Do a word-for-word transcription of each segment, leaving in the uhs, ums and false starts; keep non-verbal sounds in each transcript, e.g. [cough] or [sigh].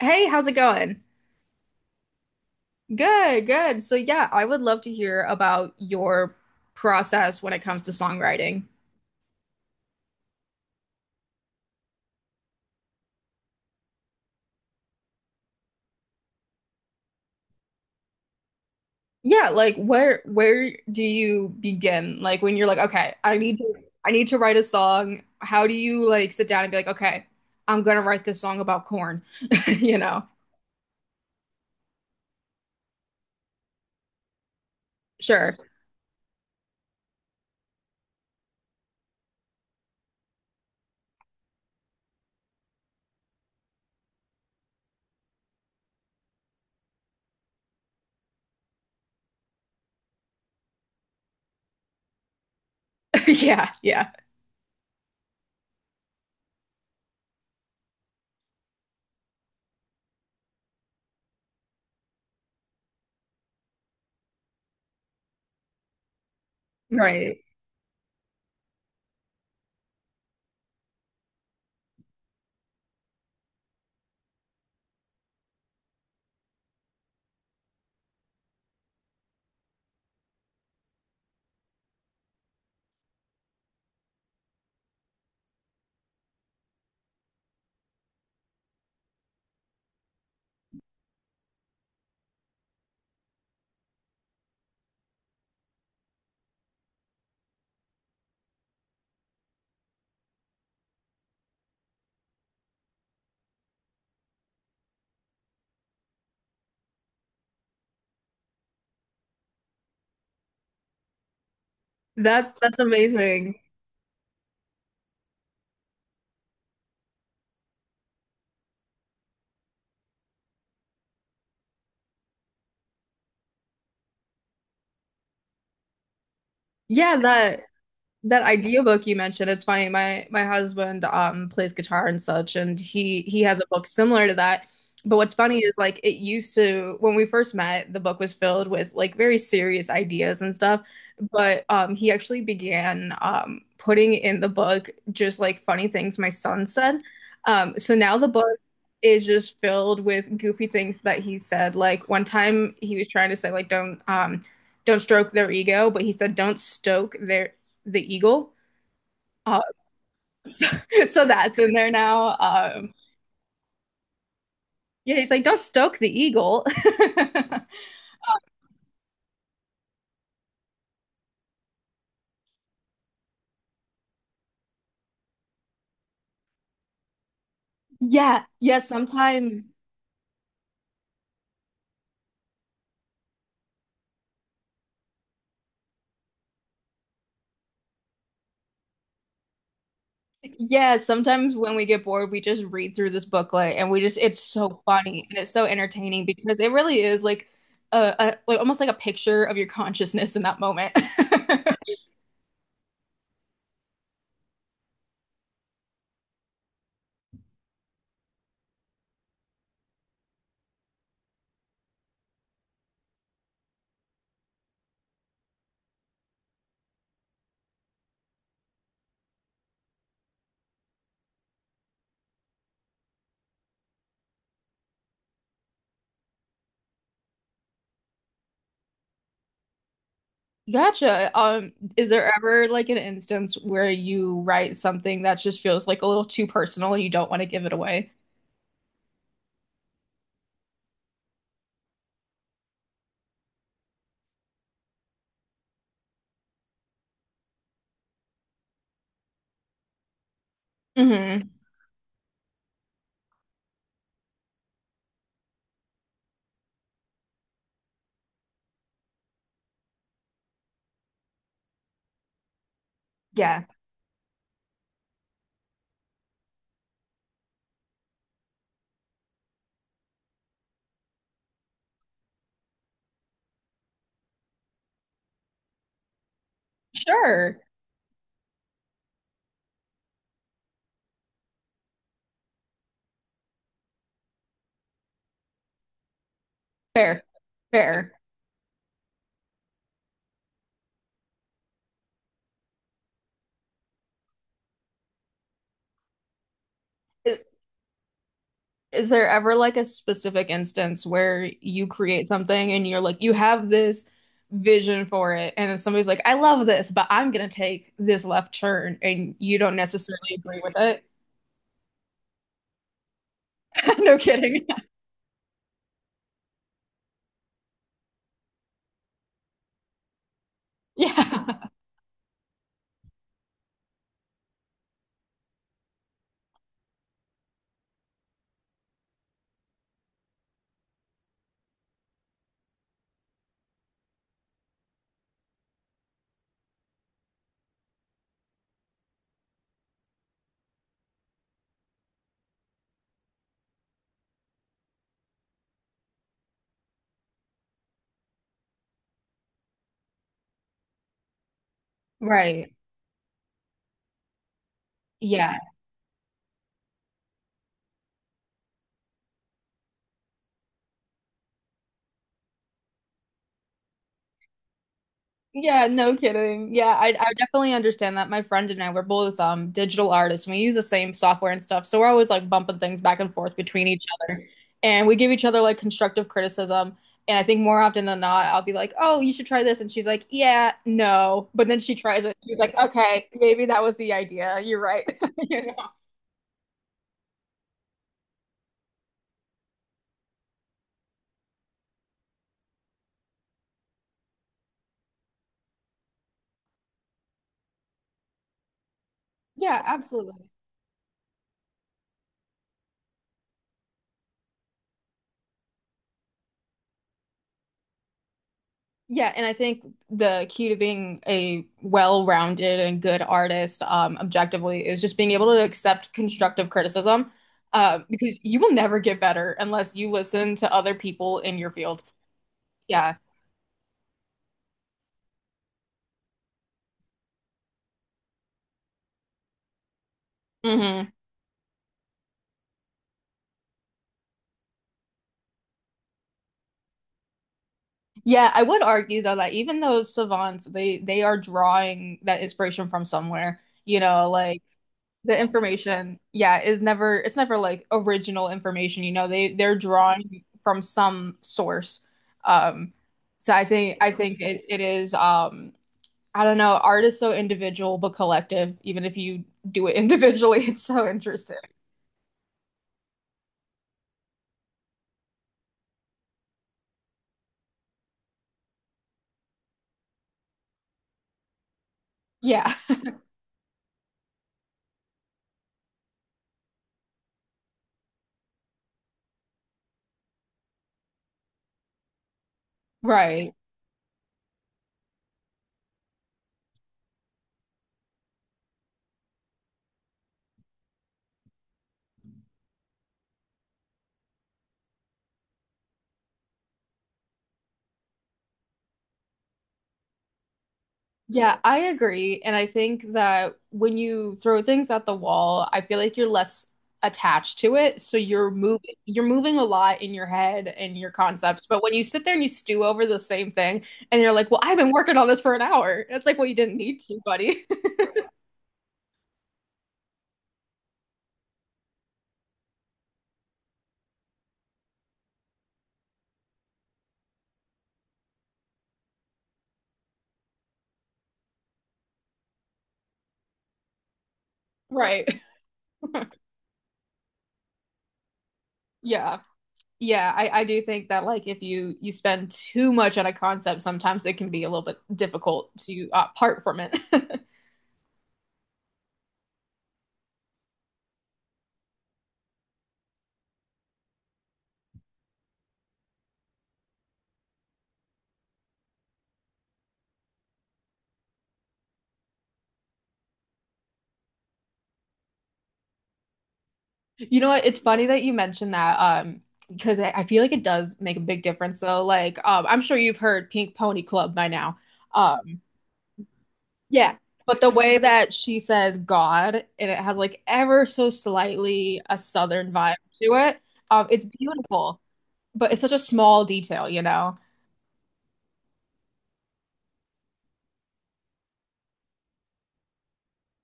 Hey, how's it going? Good, good. So yeah, I would love to hear about your process when it comes to songwriting. Yeah, like where where do you begin? Like when you're like, okay, I need to I need to write a song. How do you like sit down and be like, okay, I'm gonna write this song about corn, [laughs] you know? Sure. [laughs] Yeah, yeah. Right. That's that's amazing. Yeah, that. That idea book you mentioned, it's funny. My my husband um plays guitar and such, and he he has a book similar to that. But what's funny is like it used to when we first met, the book was filled with like very serious ideas and stuff. But um, he actually began um, putting in the book just like funny things my son said. Um, so now the book is just filled with goofy things that he said. Like one time he was trying to say like don't um don't stroke their ego, but he said don't stoke their the eagle. Uh, [laughs] so, so that's in there now. Um, yeah, he's like, don't stoke the eagle. [laughs] Yeah, yeah, sometimes, yeah, sometimes when we get bored, we just read through this booklet and we just, it's so funny and it's so entertaining because it really is like a, a like almost like a picture of your consciousness in that moment. [laughs] Gotcha. Um, is there ever like an instance where you write something that just feels like a little too personal and you don't want to give it away? Hmm. Yeah. Sure. Fair. Fair. Is, is there ever like a specific instance where you create something and you're like, you have this vision for it, and then somebody's like, I love this, but I'm gonna take this left turn, and you don't necessarily agree with it? [laughs] No kidding. [laughs] Yeah. Right. Yeah. Yeah, no kidding. Yeah, I, I definitely understand that. My friend and I, we're both um, digital artists and we use the same software and stuff. So we're always like bumping things back and forth between each other. And we give each other like constructive criticism. And I think more often than not, I'll be like, "Oh, you should try this," and she's like, "Yeah, no." But then she tries it. She's like, "Okay, maybe that was the idea. You're right." [laughs] You know? Yeah, absolutely. Yeah, and I think the key to being a well-rounded and good artist, um, objectively, is just being able to accept constructive criticism, uh, because you will never get better unless you listen to other people in your field. Yeah. Hmm. Yeah, I would argue though that even those savants, they they are drawing that inspiration from somewhere. You know, like the information, yeah, is never it's never like original information, you know. They they're drawing from some source. Um, so I think I think it, it is um, I don't know, art is so individual but collective, even if you do it individually, [laughs] it's so interesting. Yeah. [laughs] Right. Yeah, I agree. And I think that when you throw things at the wall, I feel like you're less attached to it. So you're moving you're moving a lot in your head and your concepts. But when you sit there and you stew over the same thing and you're like, well, I've been working on this for an hour. It's like, well, you didn't need to, buddy. [laughs] Right. Yeah. Yeah, I, I do think that like if you you spend too much on a concept, sometimes it can be a little bit difficult to uh, part from it. [laughs] You know what? It's funny that you mentioned that, um, because I, I feel like it does make a big difference. So, like, um, I'm sure you've heard Pink Pony Club by now. Um, Yeah. But the way that she says God and it has like ever so slightly a southern vibe to it, um, it's beautiful, but it's such a small detail, you know.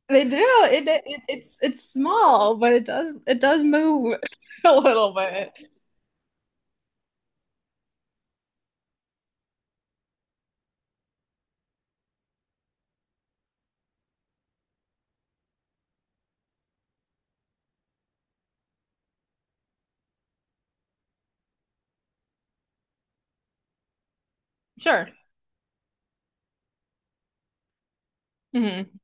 They do. It, it it's it's small, but it does it does move [laughs] a little bit. Sure. Hmm.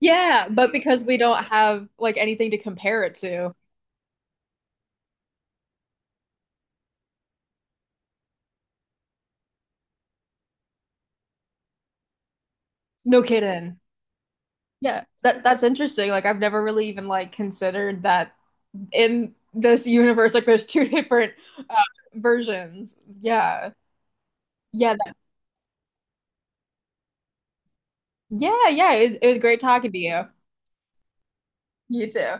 Yeah, but because we don't have like anything to compare it to. No kidding. Yeah, that that's interesting. Like I've never really even like considered that in this universe like there's two [laughs] different uh, versions yeah. Yeah that, yeah yeah it was, it was great talking to you. You too.